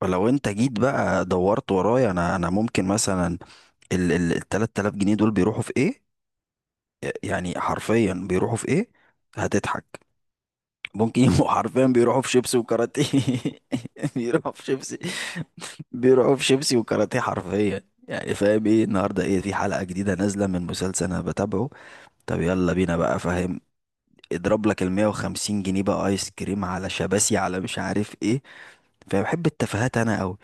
فلو انت جيت بقى دورت ورايا، انا ممكن مثلا ال 3000 جنيه دول بيروحوا في ايه؟ يعني حرفيا بيروحوا في ايه؟ هتضحك. ممكن يبقوا حرفيا بيروحوا في شيبسي وكاراتيه. بيروحوا في شيبسي. بيروحوا في شيبسي وكاراتيه حرفيا، يعني فاهم ايه؟ النهارده ايه؟ في حلقة جديدة نازلة من مسلسل انا بتابعه. طب يلا بينا بقى، فاهم؟ اضرب لك ال 150 جنيه بقى ايس كريم على شباسي، على مش عارف ايه. فبحب التفاهات انا قوي.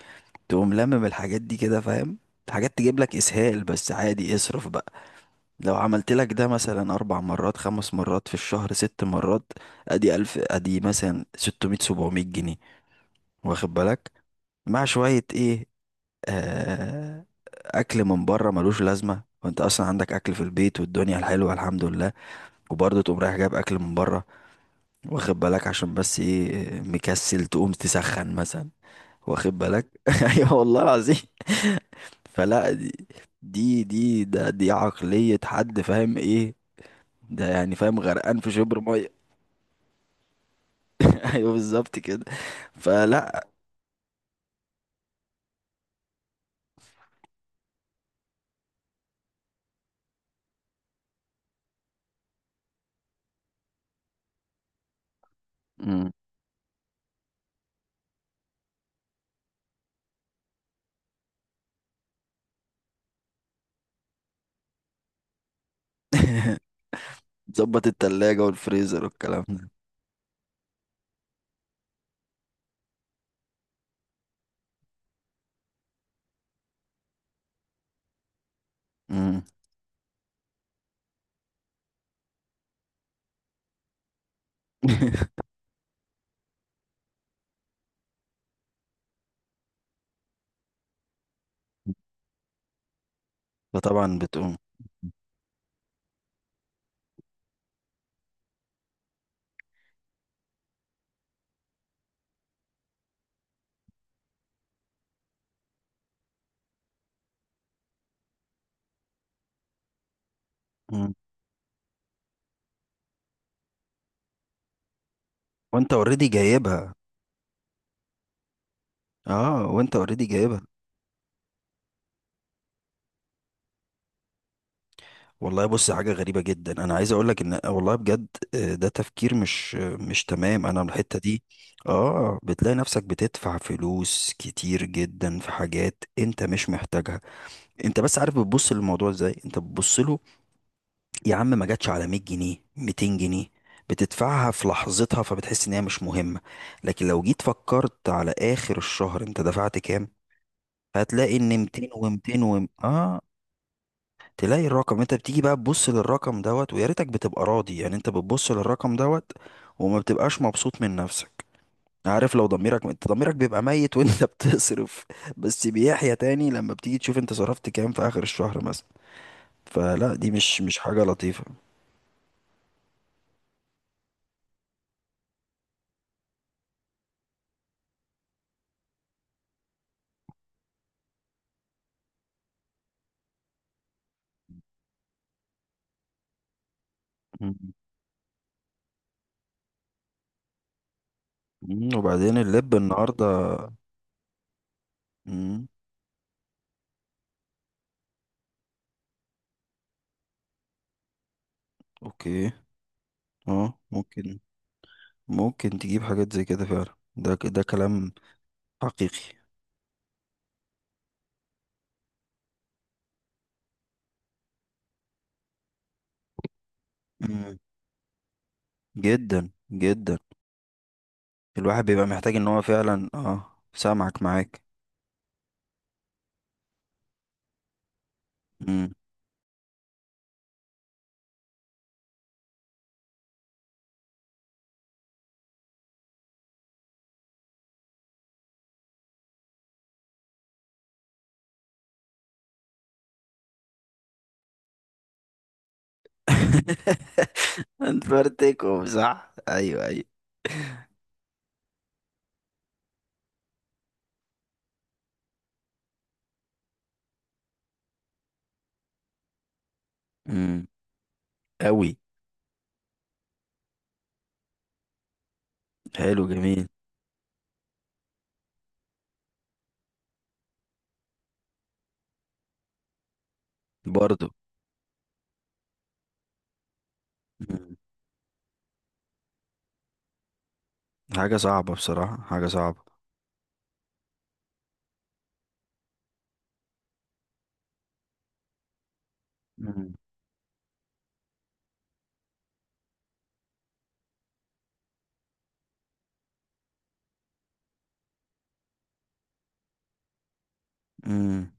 تقوم لمم الحاجات دي كده، فاهم؟ حاجات تجيب لك اسهال بس عادي، اصرف بقى. لو عملت لك ده مثلا اربع مرات خمس مرات في الشهر ست مرات، ادي الف، ادي مثلا 600 700 جنيه. واخد بالك؟ مع شوية ايه؟ آه، اكل من بره ملوش لازمة وانت اصلا عندك اكل في البيت والدنيا الحلوة الحمد لله. وبرضه تقوم رايح جايب اكل من بره. واخد بالك؟ عشان بس ايه؟ مكسل تقوم تسخن مثلا. واخد بالك؟ ايوه والله العظيم. فلا، دي عقلية حد، فاهم ايه؟ ده يعني فاهم غرقان في شبر مية. ايوه بالظبط كده. فلا. مم. ظبط التلاجة والفريزر والكلام ده. مم. فطبعا بتقوم. مم. وانت اوريدي جايبها. اه وانت اوريدي جايبها. والله بص، حاجة غريبة جدا، انا عايز اقول لك ان والله بجد، ده تفكير مش مش تمام انا الحتة دي. اه، بتلاقي نفسك بتدفع فلوس كتير جدا في حاجات انت مش محتاجها. انت بس عارف بتبص للموضوع ازاي؟ انت بتبص له يا عم، ما جاتش على 100 جنيه 200 جنيه، بتدفعها في لحظتها فبتحس ان هي مش مهمة. لكن لو جيت فكرت على اخر الشهر انت دفعت كام، هتلاقي ان 200 و200 و تلاقي الرقم. انت بتيجي بقى تبص للرقم دوت، ويا ريتك بتبقى راضي يعني. انت بتبص للرقم دوت، وما بتبقاش مبسوط من نفسك. عارف لو ضميرك، انت ضميرك بيبقى ميت وانت بتصرف، بس بيحيى تاني لما بتيجي تشوف انت صرفت كام في اخر الشهر مثلا. فلا دي مش حاجة لطيفة. مم. مم. وبعدين اللب النهاردة. مم. اوكي. اه ممكن. ممكن تجيب حاجات زي كده فعلا، ده كلام حقيقي. مم. جدا جدا. الواحد بيبقى محتاج ان هو فعلا اه سامعك معاك. مم. انفرتكم صح، ايوه ايوه. امم. قوي. حلو جميل. برضو. مم. حاجة صعبة بصراحة، حاجة صعبة. امم.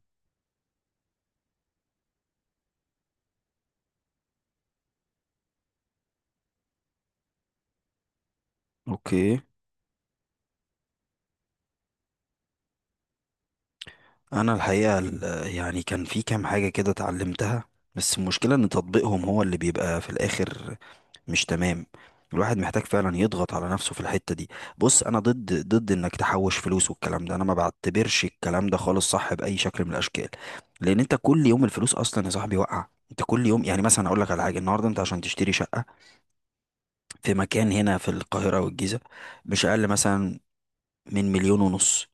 اوكي. انا الحقيقه ال- يعني كان في كام حاجه كده اتعلمتها، بس المشكله ان تطبيقهم هو اللي بيبقى في الاخر مش تمام. الواحد محتاج فعلا يضغط على نفسه في الحته دي. بص، انا ضد ضد انك تحوش فلوس والكلام ده. انا ما بعتبرش الكلام ده خالص صح باي شكل من الاشكال، لان انت كل يوم الفلوس اصلا يا صاحبي واقعه. انت كل يوم يعني مثلا اقول لك على حاجه. النهارده انت عشان تشتري شقه في مكان هنا في القاهره والجيزه، مش اقل مثلا من مليون ونص.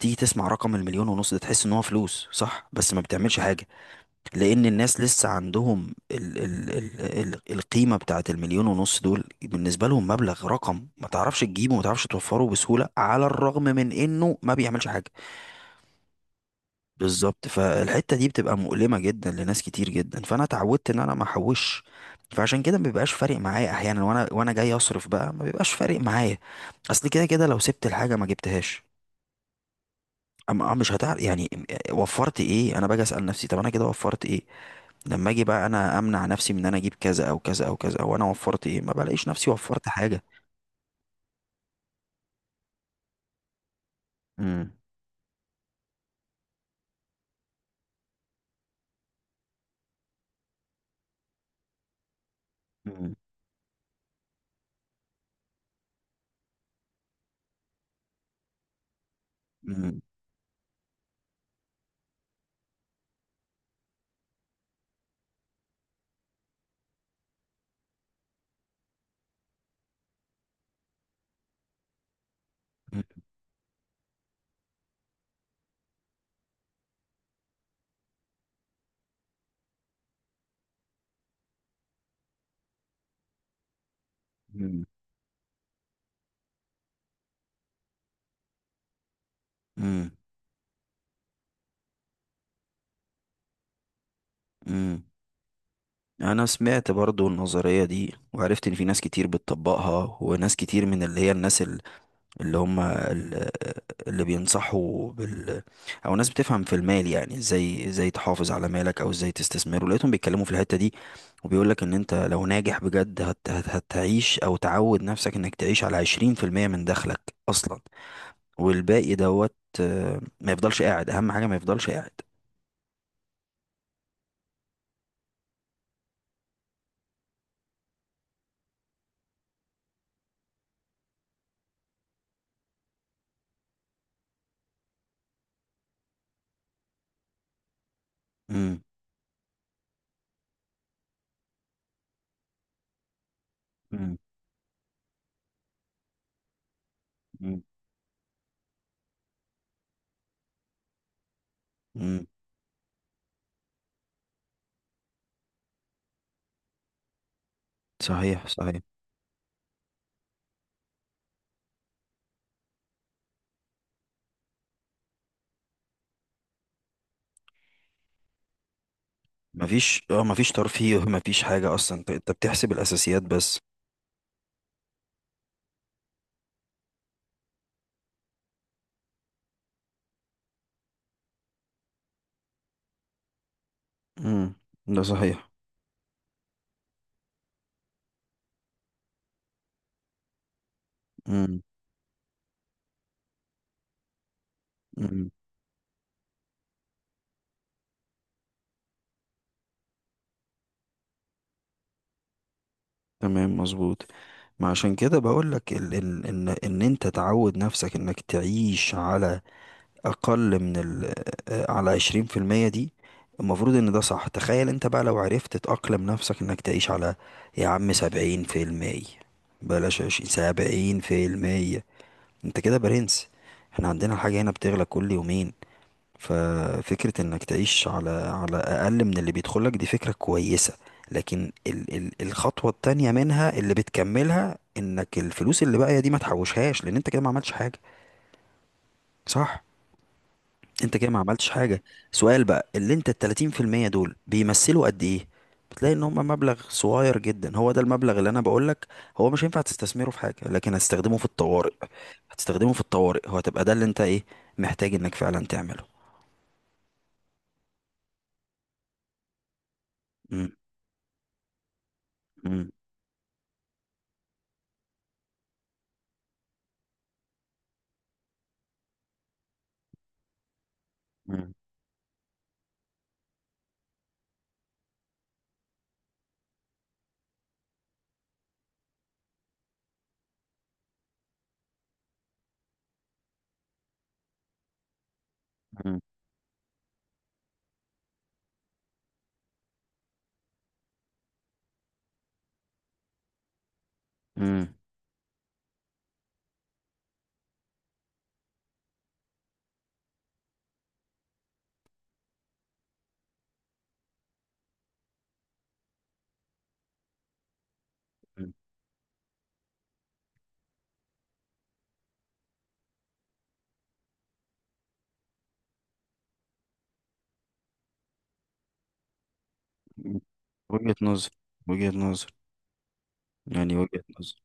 تيجي تسمع رقم المليون ونص ده، تحس ان هو فلوس صح بس ما بتعملش حاجة، لان الناس لسه عندهم ال القيمة بتاعت المليون ونص دول بالنسبة لهم مبلغ، رقم ما تعرفش تجيبه وما تعرفش توفره بسهولة على الرغم من انه ما بيعملش حاجة. بالظبط، فالحتة دي بتبقى مؤلمة جدا لناس كتير جدا، فانا اتعودت ان انا ما احوش. فعشان كده ما بيبقاش فارق معايا احيانا، وانا جاي اصرف بقى ما بيبقاش فارق معايا، اصل كده كده لو سبت الحاجة ما جبتهاش، اما آه مش هتعرف يعني وفرت ايه. انا باجي اسال نفسي، طب انا كده وفرت ايه؟ لما اجي بقى انا امنع نفسي من ان انا اجيب كذا او كذا او كذا، وانا وفرت ايه؟ ما بلاقيش نفسي وفرت حاجه. امم. امم. امم. امم. امم. امم. انا سمعت برضو النظريه دي، وعرفت ان في ناس كتير بتطبقها، وناس كتير من اللي هي الناس اللي هم ال- اللي بينصحوا بال، او ناس بتفهم في المال يعني ازاي، ازاي تحافظ على مالك او ازاي تستثمره، لقيتهم بيتكلموا في الحتة دي. وبيقول لك ان انت لو ناجح بجد هتعيش، او تعود نفسك انك تعيش على 20% من دخلك اصلا، والباقي دوت، ما يفضلش قاعد. اهم حاجة ما يفضلش قاعد. امم. مم. مم. امم. صحيح صحيح. مفيش مفيش ترفيه مفيش حاجة اصلا. انت بتحسب الاساسيات بس. امم. ده صحيح. امم. تمام مظبوط. ما عشان كده بقول لك ال ال ان ان انت تعود نفسك انك تعيش على اقل من ال، على 20% دي. المفروض ان ده صح. تخيل انت بقى لو عرفت تأقلم نفسك انك تعيش على، يا عم، 70%، بلاش 20، 70%، انت كده برنس. احنا عندنا حاجة هنا بتغلى كل يومين، ففكرة انك تعيش على على اقل من اللي بيدخلك دي فكرة كويسة. لكن ال الخطوة التانية منها اللي بتكملها، انك الفلوس اللي باقية دي ما تحوشهاش لان انت كده ما عملتش حاجة، صح؟ انت كده ما عملتش حاجة. سؤال بقى، اللي انت التلاتين في المية دول بيمثلوا قد ايه؟ بتلاقي ان هم مبلغ صغير جدا. هو ده المبلغ اللي انا بقولك، هو مش هينفع تستثمره في حاجة لكن هتستخدمه في الطوارئ. هتستخدمه في الطوارئ. هو هتبقى ده اللي انت ايه، محتاج انك فعلا تعمله. مم. مم. مم. مم. مم. وجهة نظر. وجهة نظر. يعني وجهة نظر.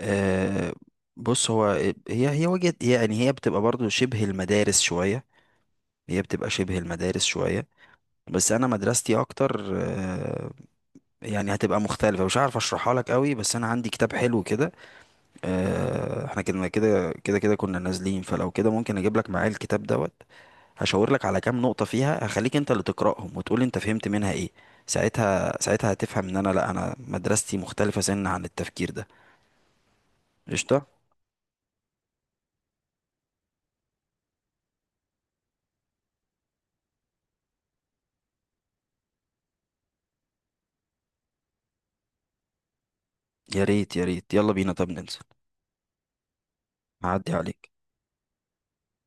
أه. بص هو، هي وجهة، يعني هي بتبقى برضو شبه المدارس شوية. هي بتبقى شبه المدارس شوية، بس أنا مدرستي أكتر أه، يعني هتبقى مختلفة. مش عارف أشرحها لك قوي، بس أنا عندي كتاب حلو كده. أه إحنا كنا كده كنا نازلين، فلو كده ممكن أجيب لك معايا الكتاب دوت، هشاور لك على كام نقطة فيها، هخليك انت اللي تقرأهم وتقول انت فهمت منها ايه. ساعتها ساعتها هتفهم ان انا لا، انا مدرستي مختلفة سن عن التفكير ده. قشطة. يا ريت يا ريت، يلا بينا طب ننزل. هعدي عليك.